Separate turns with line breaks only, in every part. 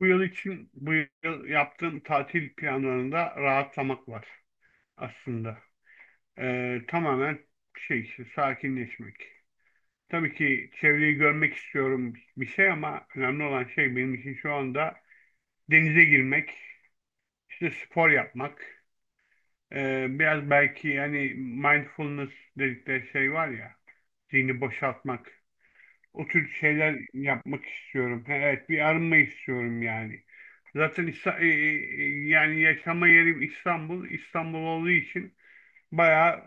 Bu yıl için bu yıl yaptığım tatil planlarında rahatlamak var aslında. Tamamen şey işte, sakinleşmek. Tabii ki çevreyi görmek istiyorum bir şey ama önemli olan şey benim için şu anda denize girmek, işte spor yapmak. Biraz belki yani mindfulness dedikleri şey var ya, zihni boşaltmak. O tür şeyler yapmak istiyorum. He, evet bir arınma istiyorum yani. Zaten yani yaşama yerim İstanbul. İstanbul olduğu için bayağı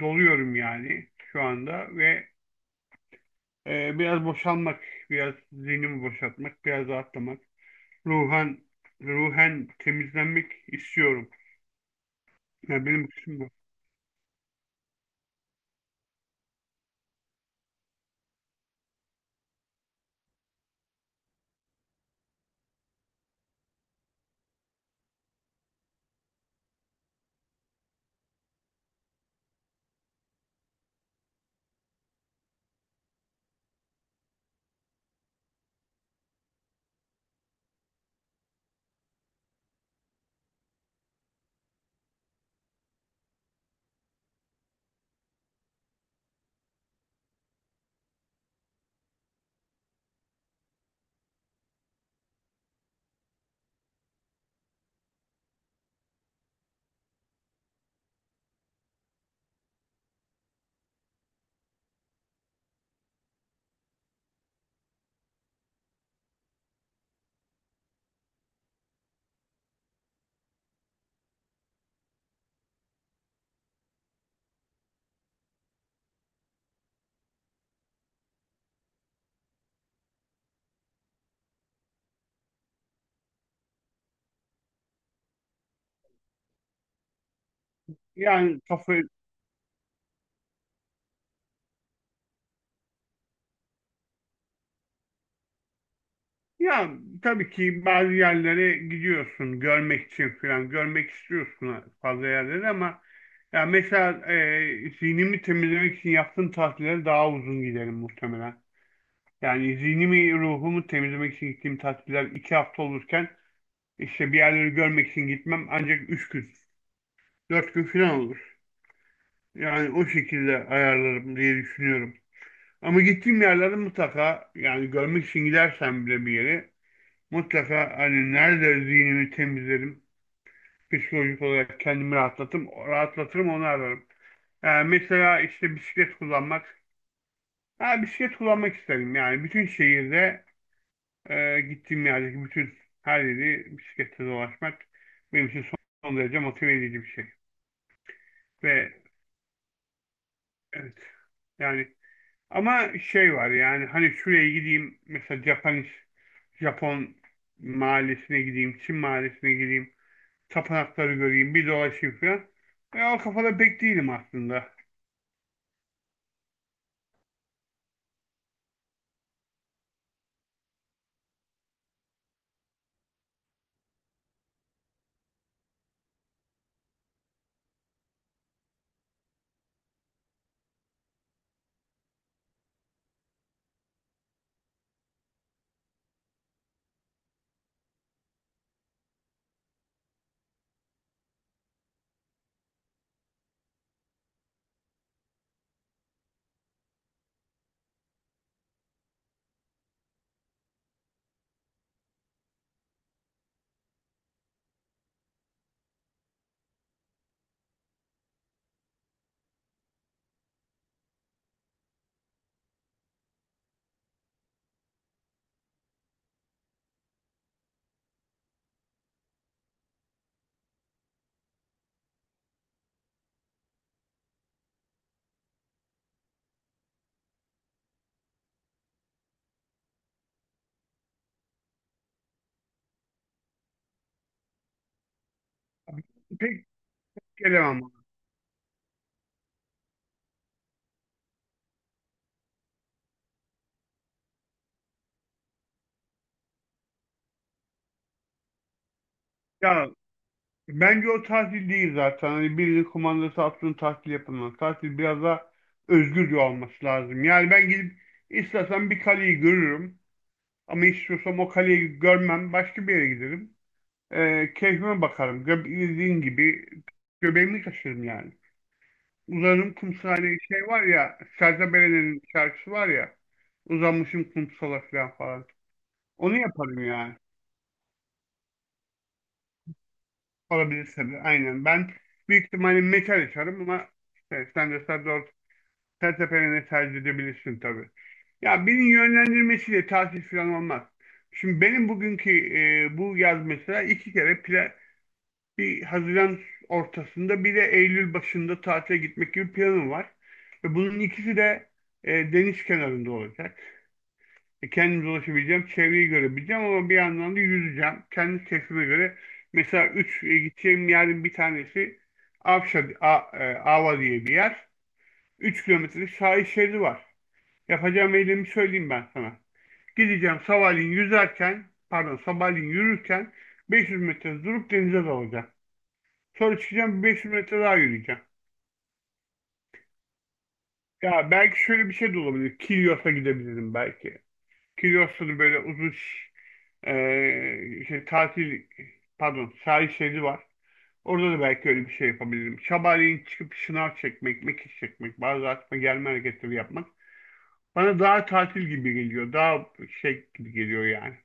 doluyorum yani şu anda ve biraz boşalmak, biraz zihnimi boşaltmak, biraz rahatlamak, ruhen ruhen temizlenmek istiyorum. Yani benim için bu. Yani kafa. Ya tabii ki bazı yerlere gidiyorsun görmek için falan. Görmek istiyorsun fazla yerleri ama ya mesela zihnimi temizlemek için yaptığım tatiller daha uzun giderim muhtemelen. Yani zihnimi, ruhumu temizlemek için gittiğim tatiller 2 hafta olurken işte bir yerleri görmek için gitmem ancak 3 gün, 4 gün falan olur. Yani o şekilde ayarlarım diye düşünüyorum. Ama gittiğim yerlerde mutlaka yani görmek için gidersem bile bir yere mutlaka hani nerede zihnimi temizlerim. Psikolojik olarak kendimi rahatlatırım, rahatlatırım onu ararım. Yani mesela işte bisiklet kullanmak. Ha, bisiklet kullanmak isterim. Yani bütün şehirde gittiğim yerdeki bütün her yeri bisikletle dolaşmak benim için son derece motive edici bir şey. Ve evet yani ama şey var yani hani şuraya gideyim mesela Japon mahallesine gideyim, Çin mahallesine gideyim, tapınakları göreyim, bir dolaşayım falan. E, o kafada pek değilim aslında. Pek gelemem ona. Ya bence o tatil değil zaten. Hani birinin kumandası altında tatil yapılmaz. Tatil biraz daha özgürce olması lazım. Yani ben gidip istersen bir kaleyi görürüm. Ama istiyorsam o kaleyi görmem. Başka bir yere giderim. E, keyfime bakarım. Gö dediğin gibi göbeğimi kaşırım yani. Uzanırım kumsale şey var ya. Serzabele'nin şarkısı var ya. Uzanmışım kumsala falan falan. Onu yaparım ya. Olabilir tabii. Aynen. Ben büyük ihtimalle metal açarım ama işte sen de Serdar Serteperen'i tercih edebilirsin tabii. Ya birinin yönlendirmesiyle tatil falan olmaz. Şimdi benim bugünkü bu yaz mesela iki kere plan, 1 Haziran ortasında bir de Eylül başında tatile gitmek gibi planım var. Ve bunun ikisi de deniz kenarında olacak. E, kendim dolaşabileceğim, çevreyi görebileceğim ama bir yandan da yüzeceğim. Kendi keyfime göre. Mesela gideceğim yerin bir tanesi Avşa, A, Ava diye bir yer. 3 kilometrelik sahil şeridi var. Yapacağım eylemi söyleyeyim ben sana. Gideceğim sabahleyin yüzerken, pardon sabahleyin yürürken 500 metre durup denize dalacağım. Sonra çıkacağım 500 metre daha yürüyeceğim. Ya belki şöyle bir şey de olabilir. Kilyos'a gidebilirim belki. Kilyoslu'nun böyle uzun e, şey, tatil pardon sahil şeridi var. Orada da belki öyle bir şey yapabilirim. Sabahleyin çıkıp şınav çekmek, mekik çekmek, bazı atma gelme hareketleri yapmak bana daha tatil gibi geliyor. Daha şey gibi geliyor yani.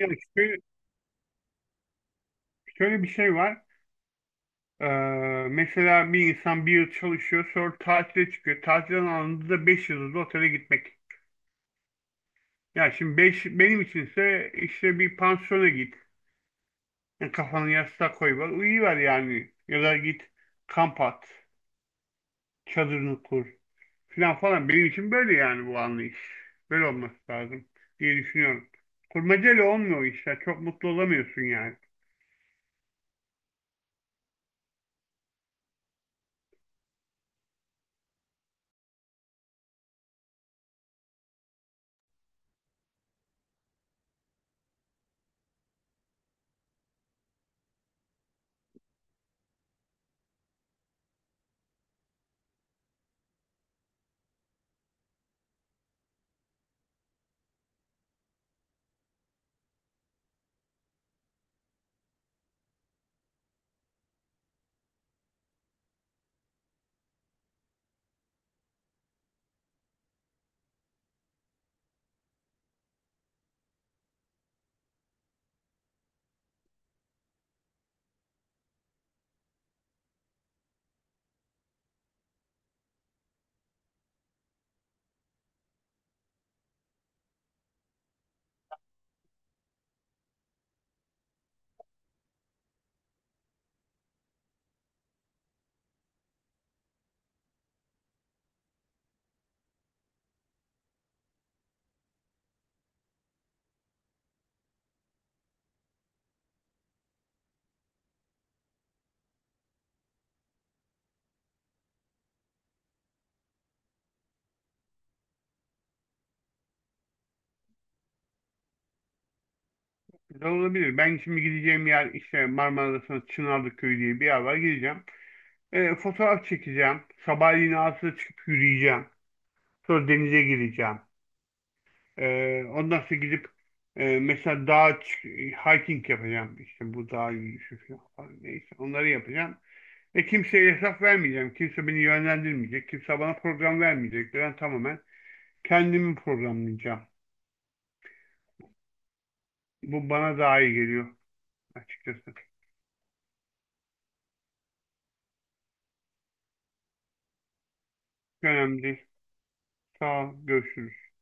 Yani şöyle bir şey var. Ee, Mesela bir insan bir yıl çalışıyor sonra tatile çıkıyor. Tatilden anında da 5 yıldızlı otele gitmek. Benim içinse işte bir pansiyona git. Yani kafanı yastığa koy var. Uyuyiver yani. Ya da git kamp at. Çadırını kur. Falan falan. Benim için böyle yani bu anlayış. Böyle olması lazım diye düşünüyorum. Kurmacayla olmuyor işte. Çok mutlu olamıyorsun yani. Güzel olabilir. Ben şimdi gideceğim yer işte Marmara'da Çınarlı Köyü diye bir yer var. Gideceğim. E, fotoğraf çekeceğim. Sabahleyin ağzına çıkıp yürüyeceğim. Sonra denize gireceğim. Ondan sonra gidip e, mesela dağa çık- hiking yapacağım. İşte bu dağ yürüyüşü falan. Neyse onları yapacağım. Ve kimseye hesap vermeyeceğim. Kimse beni yönlendirmeyecek. Kimse bana program vermeyecek. Ben tamamen kendimi programlayacağım. Bu bana daha iyi geliyor açıkçası. Önemli değil. Sağ ol. Görüşürüz.